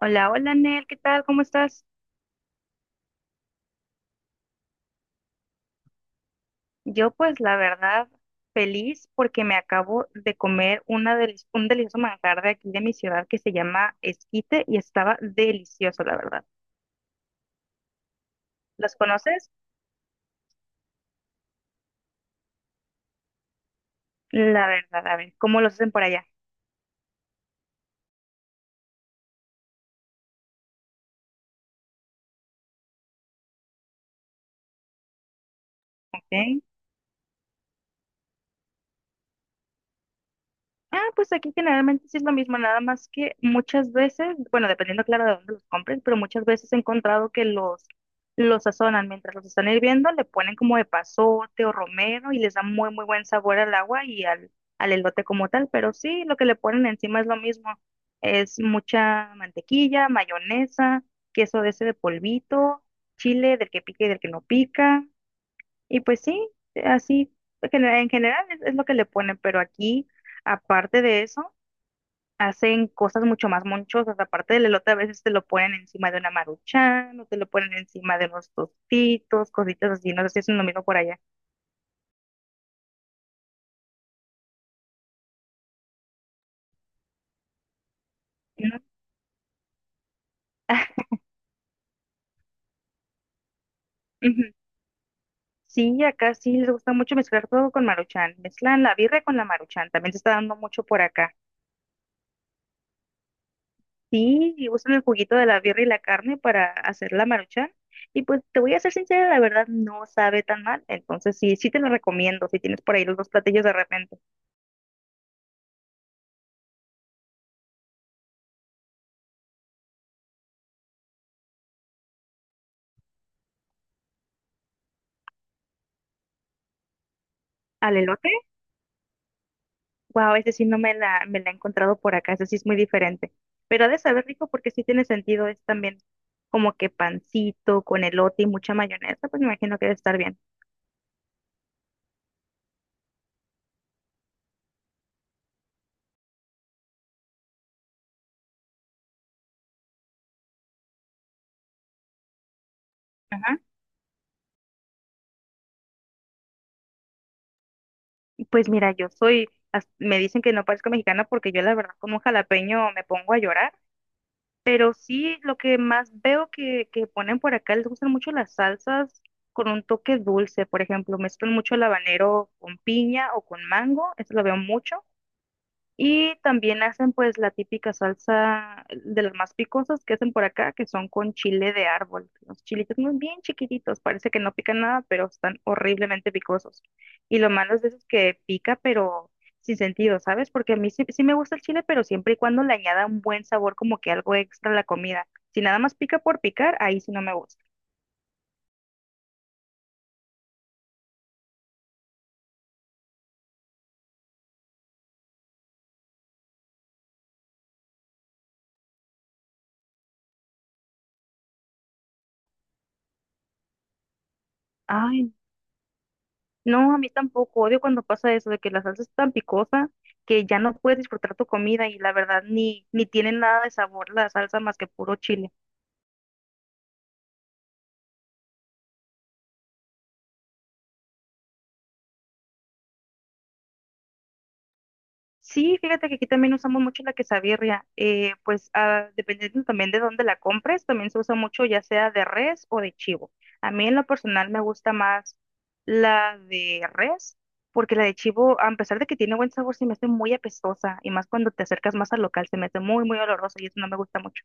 Hola, hola Nel, ¿qué tal? ¿Cómo estás? Yo pues la verdad feliz porque me acabo de comer una un delicioso manjar de aquí de mi ciudad que se llama esquite y estaba delicioso, la verdad. ¿Los conoces? La verdad, a ver, ¿cómo los hacen por allá? ¿Ok? Ah, pues aquí generalmente sí es lo mismo, nada más que muchas veces, bueno, dependiendo claro de dónde los compren, pero muchas veces he encontrado que los sazonan mientras los están hirviendo, le ponen como de pasote o romero y les da muy, muy buen sabor al agua y al elote como tal, pero sí, lo que le ponen encima es lo mismo, es mucha mantequilla, mayonesa, queso de ese de polvito, chile del que pica y del que no pica, y pues sí, así en general es lo que le ponen, pero aquí, aparte de eso, hacen cosas mucho más monchosas. Aparte del elote, a veces te lo ponen encima de una maruchan o te lo ponen encima de unos tostitos, cositas así. No sé si hacen lo mismo por allá. ¿No? Ujú. Sí, acá sí les gusta mucho mezclar todo con maruchan. Mezclan la birria con la maruchan. También se está dando mucho por acá. Sí, y usan el juguito de la birra y la carne para hacer la maruchan. Y pues te voy a ser sincera, la verdad no sabe tan mal. Entonces sí, sí te lo recomiendo si tienes por ahí los dos platillos de repente. Al elote, wow, ese sí no me la he encontrado por acá, ese sí es muy diferente. Pero ha de saber rico porque sí tiene sentido, es también como que pancito con elote y mucha mayonesa, pues me imagino que debe estar bien. Ajá. Pues mira, me dicen que no parezco mexicana porque yo la verdad con un jalapeño me pongo a llorar. Pero sí, lo que más veo que ponen por acá, les gustan mucho las salsas con un toque dulce, por ejemplo, mezclan mucho el habanero con piña o con mango, eso lo veo mucho, y también hacen pues la típica salsa de las más picosas que hacen por acá, que son con chile de árbol. Los chilitos muy bien chiquititos, parece que no pican nada, pero están horriblemente picosos. Y lo malo es de eso es que pica, pero sin sentido, ¿sabes? Porque a mí sí, sí me gusta el chile, pero siempre y cuando le añada un buen sabor, como que algo extra a la comida. Si nada más pica por picar, ahí sí no me gusta. Ay, no, a mí tampoco. Odio cuando pasa eso, de que la salsa es tan picosa que ya no puedes disfrutar tu comida y la verdad ni tiene nada de sabor la salsa más que puro chile. Sí, fíjate que aquí también usamos mucho la quesabirria. Pues dependiendo también de dónde la compres, también se usa mucho ya sea de res o de chivo. A mí en lo personal me gusta más la de res, porque la de chivo, a pesar de que tiene buen sabor, se me hace muy apestosa y más cuando te acercas más al local, se me hace muy, muy oloroso y eso no me gusta mucho.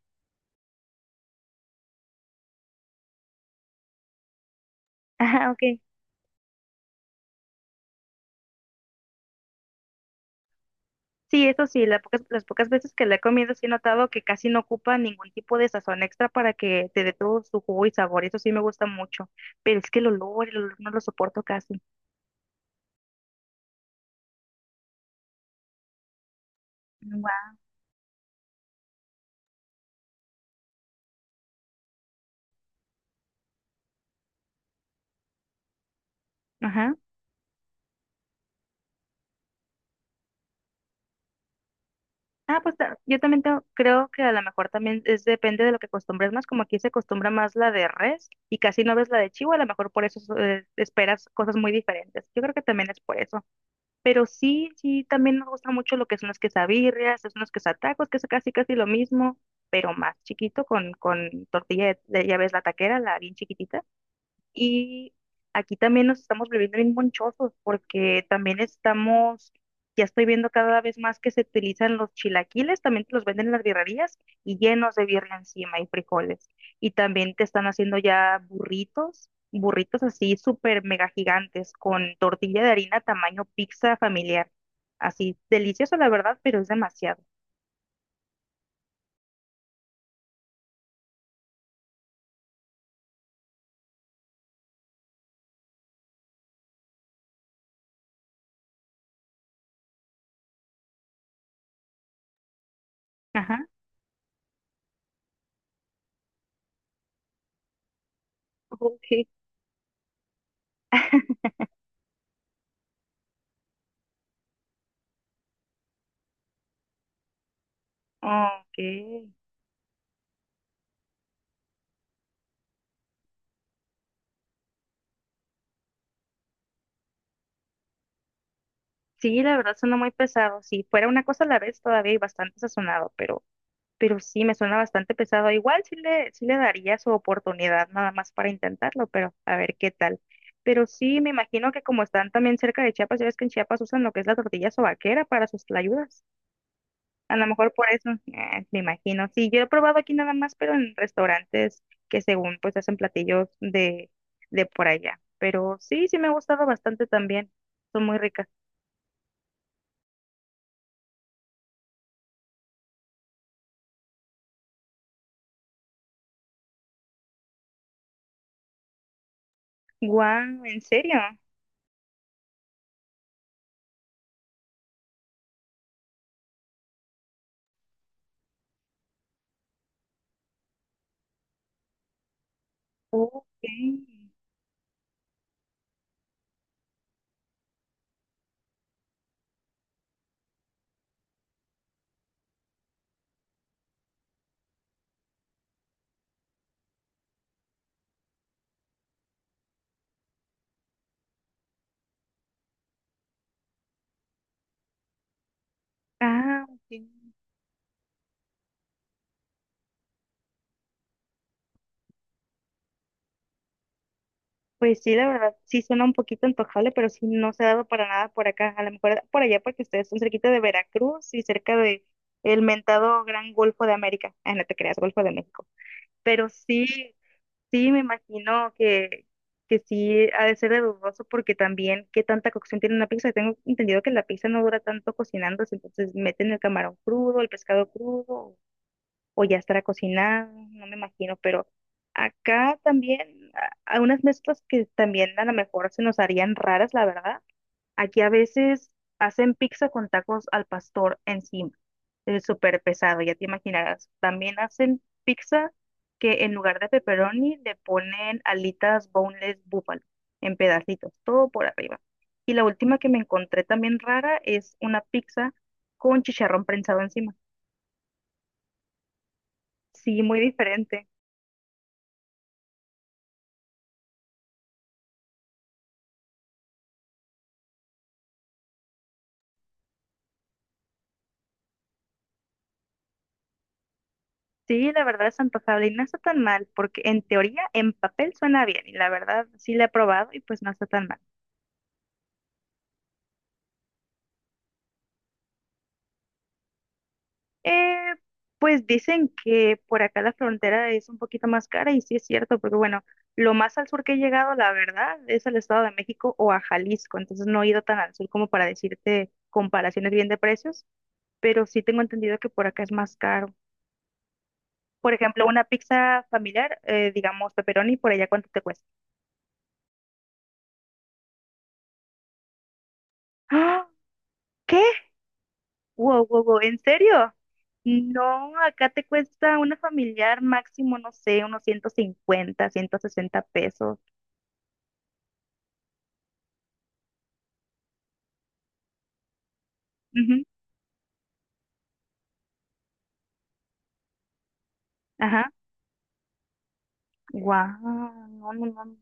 Ajá, ok. Sí, eso sí, las pocas veces que la he comido sí he notado que casi no ocupa ningún tipo de sazón extra para que te dé todo su jugo y sabor, eso sí me gusta mucho, pero es que el olor no lo soporto casi. Guau. Ajá. Ah, pues creo que a lo mejor también es depende de lo que acostumbres más, como aquí se acostumbra más la de res y casi no ves la de chivo, a lo mejor por eso esperas cosas muy diferentes. Yo creo que también es por eso. Pero sí, sí, también nos gusta mucho lo que son las quesabirrias, los unos quesatacos, que es casi casi lo mismo, pero más chiquito con tortilla de ya ves, la taquera, la bien chiquitita. Y aquí también nos estamos volviendo bien monchosos porque también ya estoy viendo cada vez más que se utilizan los chilaquiles, también te los venden en las birrerías y llenos de birria encima y frijoles. Y también te están haciendo ya burritos, burritos así súper mega gigantes con tortilla de harina tamaño pizza familiar. Así, delicioso la verdad, pero es demasiado. Ajá. Ok. Ok. Sí, la verdad suena muy pesado. Si fuera una cosa a la vez, todavía hay bastante sazonado, pero sí me suena bastante pesado. Igual sí sí le daría su oportunidad nada más para intentarlo, pero a ver qué tal. Pero sí, me imagino que como están también cerca de Chiapas, ya ves que en Chiapas usan lo que es la tortilla sobaquera para sus tlayudas. A lo mejor por eso, me imagino. Sí, yo he probado aquí nada más, pero en restaurantes que según pues hacen platillos de por allá. Pero sí, sí me ha gustado bastante también. Son muy ricas. Guau, ¿en serio? Ok. Ah, ok. Pues sí, la verdad, sí suena un poquito antojable, pero sí no se ha dado para nada por acá. A lo mejor por allá porque ustedes son cerquita de Veracruz y cerca de el mentado Gran Golfo de América. Ah, no te creas, Golfo de México. Pero sí, sí me imagino que sí ha de ser de dudoso porque también qué tanta cocción tiene una pizza. Tengo entendido que la pizza no dura tanto cocinándose, entonces meten el camarón crudo, el pescado crudo o ya estará cocinado, no me imagino, pero acá también hay unas mezclas que también a lo mejor se nos harían raras, la verdad. Aquí a veces hacen pizza con tacos al pastor encima, es súper pesado, ya te imaginarás. También hacen pizza que en lugar de pepperoni le ponen alitas boneless búfalo en pedacitos, todo por arriba. Y la última que me encontré también rara es una pizza con chicharrón prensado encima. Sí, muy diferente. Sí, la verdad es antojable y no está tan mal, porque en teoría, en papel suena bien, y la verdad sí la he probado y pues no está tan mal. Eh, pues dicen que por acá la frontera es un poquito más cara y sí es cierto, porque bueno, lo más al sur que he llegado, la verdad, es al Estado de México o a Jalisco, entonces no he ido tan al sur como para decirte comparaciones bien de precios, pero sí tengo entendido que por acá es más caro. Por ejemplo, una pizza familiar, digamos pepperoni, por allá ¿cuánto te cuesta? ¡Ah! ¿Qué? Wow, wow, wow, ¿en serio? No, acá te cuesta una familiar máximo, no sé, unos 150, 160 pesos. Ujú, ajá. Guau, no, no, no.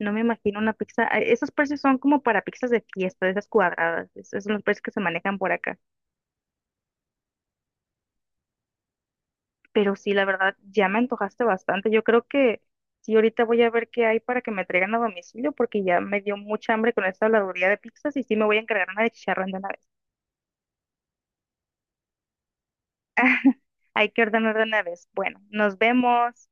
No me imagino una pizza. Esos precios son como para pizzas de fiesta, de esas cuadradas. Esos son los precios que se manejan por acá. Pero sí, la verdad, ya me antojaste bastante. Yo creo que sí, ahorita voy a ver qué hay para que me traigan a domicilio, porque ya me dio mucha hambre con esta habladuría de pizzas y sí me voy a encargar una de chicharrón de una vez. Hay que ordenar de una vez. Bueno, nos vemos.